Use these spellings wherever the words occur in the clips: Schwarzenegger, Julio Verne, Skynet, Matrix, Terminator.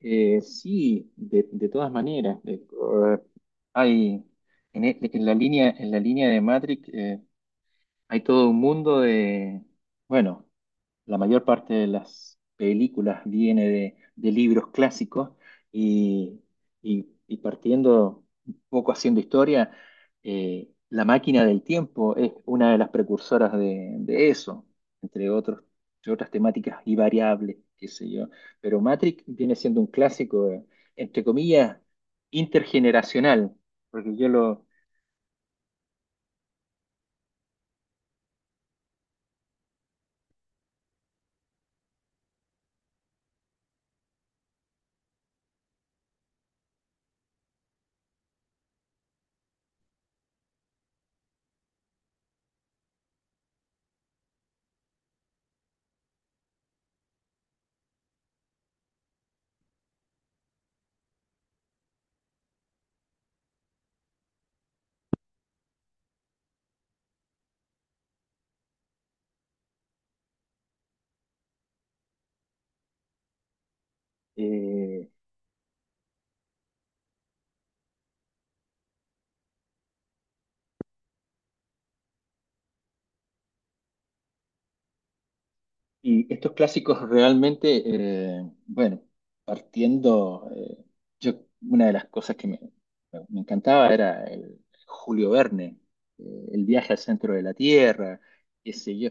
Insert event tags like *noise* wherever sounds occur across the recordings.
Sí, de todas maneras. Eh, Hay en en la línea de Matrix, hay todo un mundo de, bueno, la mayor parte de las películas viene de libros clásicos y, y partiendo un poco haciendo historia. La máquina del tiempo es una de las precursoras de eso, entre otros, entre otras temáticas y variables, qué sé yo. Pero Matrix viene siendo un clásico, entre comillas, intergeneracional, porque yo lo... eh, Y estos clásicos realmente, bueno, partiendo, yo, una de las cosas que me encantaba era el Julio Verne, el viaje al centro de la Tierra, qué sé yo,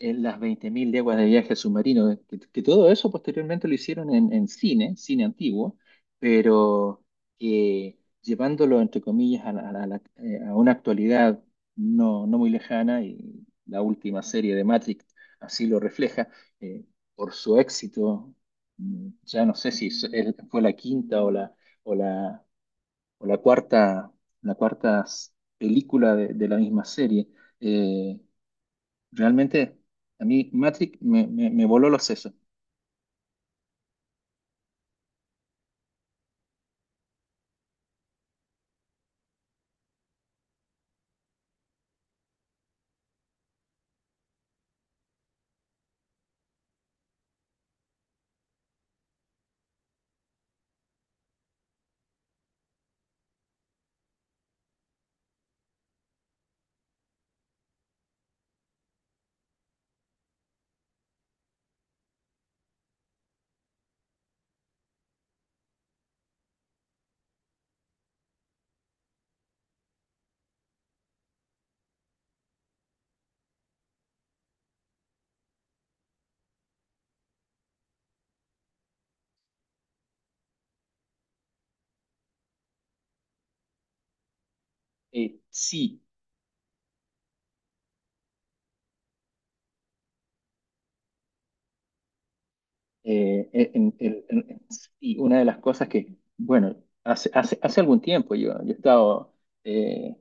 en las 20.000 leguas de viaje submarino, que todo eso posteriormente lo hicieron en, cine antiguo, pero que llevándolo, entre comillas, a una actualidad no muy lejana, y la última serie de Matrix así lo refleja, eh, por su éxito. Ya no sé si fue la quinta o la, o la cuarta, la cuarta s- película de la misma serie. eh, Realmente, a mí Matrix me voló los sesos. Sí, sí, una de las cosas que, bueno, hace algún tiempo, yo he estado, eh,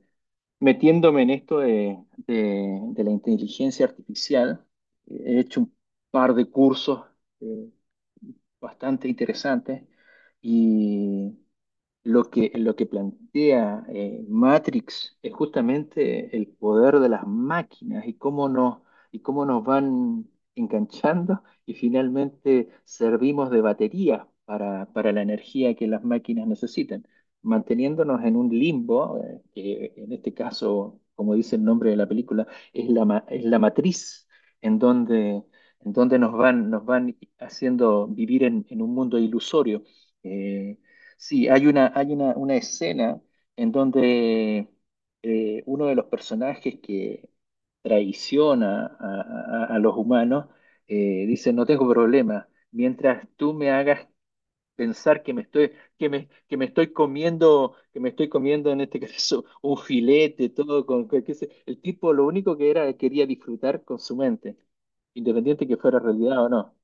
metiéndome en esto de la inteligencia artificial. He hecho un par de cursos eh, bastante interesantes. Y lo que plantea, Matrix, es justamente el poder de las máquinas y y cómo nos van enganchando, y finalmente servimos de batería para, la energía que las máquinas necesitan, manteniéndonos en un limbo, que, en este caso, como dice el nombre de la película, es la matriz en donde, nos van, haciendo vivir en, un mundo ilusorio. Eh, Sí, hay una, una escena en donde uno de los personajes que traiciona a los humanos, dice: "No tengo problema, mientras tú me hagas pensar que me estoy comiendo, en este *laughs* caso, un filete". Todo con, el tipo, lo único que era, quería disfrutar con su mente, independiente que fuera realidad o no.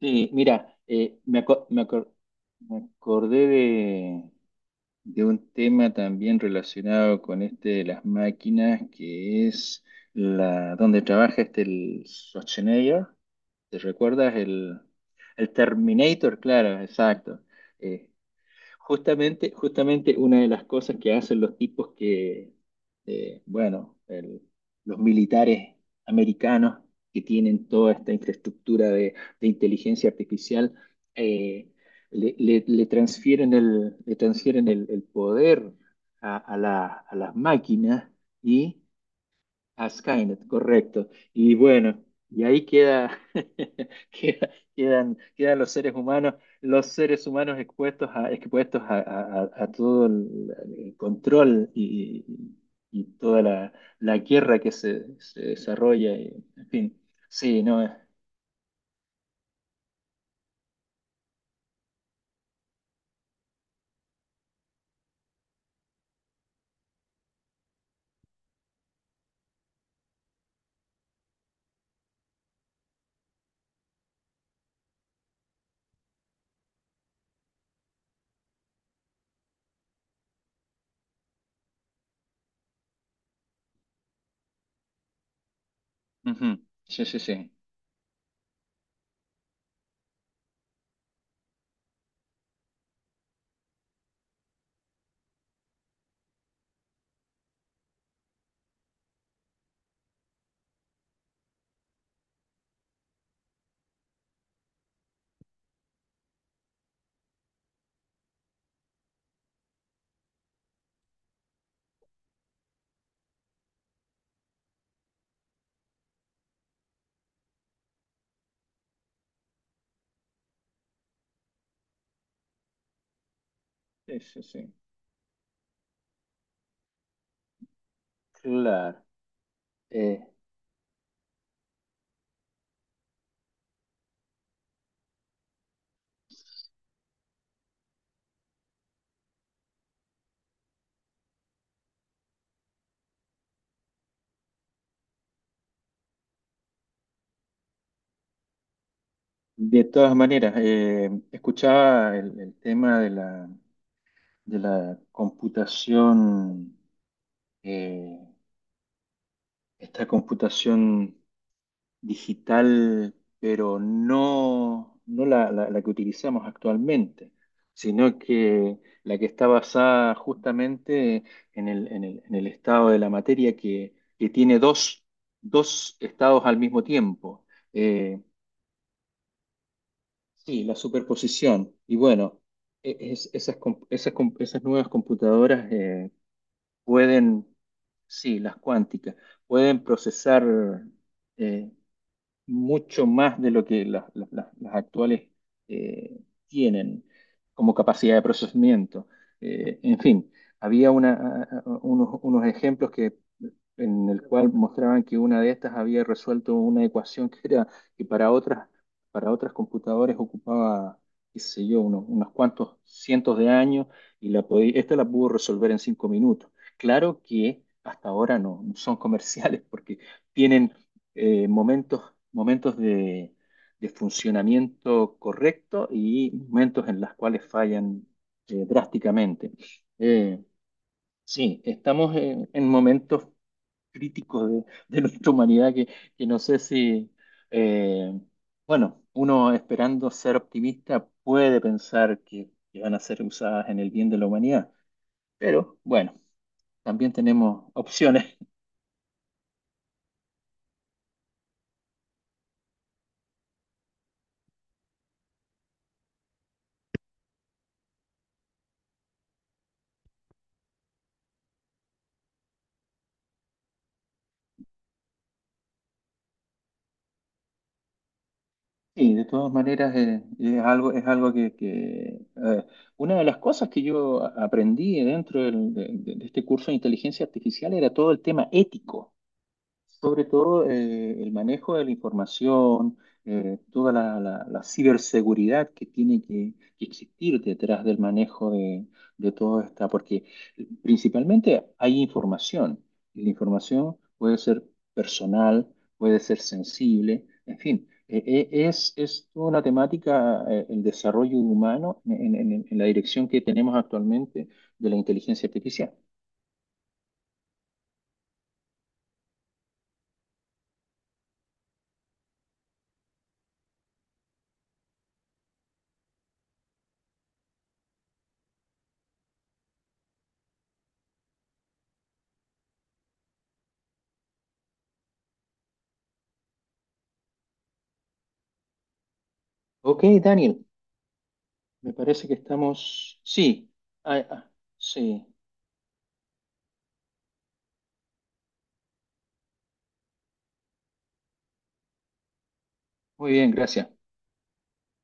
Sí, mira, acuerdo me acordé de un tema también relacionado con este de las máquinas, que es la donde trabaja este el Schwarzenegger. ¿Te recuerdas el, Terminator? Claro, exacto. Eh, Justamente una de las cosas que hacen los tipos que, bueno, los militares americanos, que tienen toda esta infraestructura de inteligencia artificial, eh, le transfieren el poder a las máquinas y a Skynet, correcto. Y bueno, y ahí queda, *laughs* queda- quedan los seres humanos expuestos a, a todo el control, y toda la guerra que se desarrolla, y, en fin, sí, no. Ujú. Sí, sí, sí. Sí, sí, sí. Claro. Eh, de todas maneras, escuchaba el tema de de la computación, eh, esta computación digital, pero no la que utilizamos actualmente, sino que la que está basada justamente en en el estado de la materia que tiene dos estados al mismo tiempo. Eh, sí, la superposición. Y bueno, esas nuevas computadoras pueden... Sí, las cuánticas, pueden procesar, eh, mucho más de lo que las actuales eh, tienen como capacidad de procesamiento. En fin, había unos ejemplos que en el cual mostraban que una de estas había resuelto una ecuación que era que para otras computadoras ocupaba, qué sé yo, unos cuantos cientos de años, y esta la pudo resolver en 5 minutos. Claro que hasta ahora no son comerciales *laughs* porque tienen, momentos de funcionamiento correcto, y momentos en los cuales fallan drásticamente. Eh, Sí, estamos en momentos críticos de *laughs* nuestra humanidad, que no sé si... eh, bueno, uno, esperando ser optimista, puede pensar que van a ser usadas en el bien de la humanidad, pero bueno, también tenemos opciones. *laughs* Y de todas maneras, es algo una de las cosas que aprendí dentro de este curso de inteligencia artificial, era todo el tema ético. Sobre todo, el manejo de la información, toda la ciberseguridad que tiene que existir detrás del manejo de todo esta, porque principalmente hay información, y la información puede ser personal, puede ser sensible, en fin. Es toda una temática, el desarrollo humano en en la dirección que tenemos actualmente de la inteligencia artificial. OK, Daniel. Me parece que estamos. Sí, ah, ah, sí. Muy bien, gracias.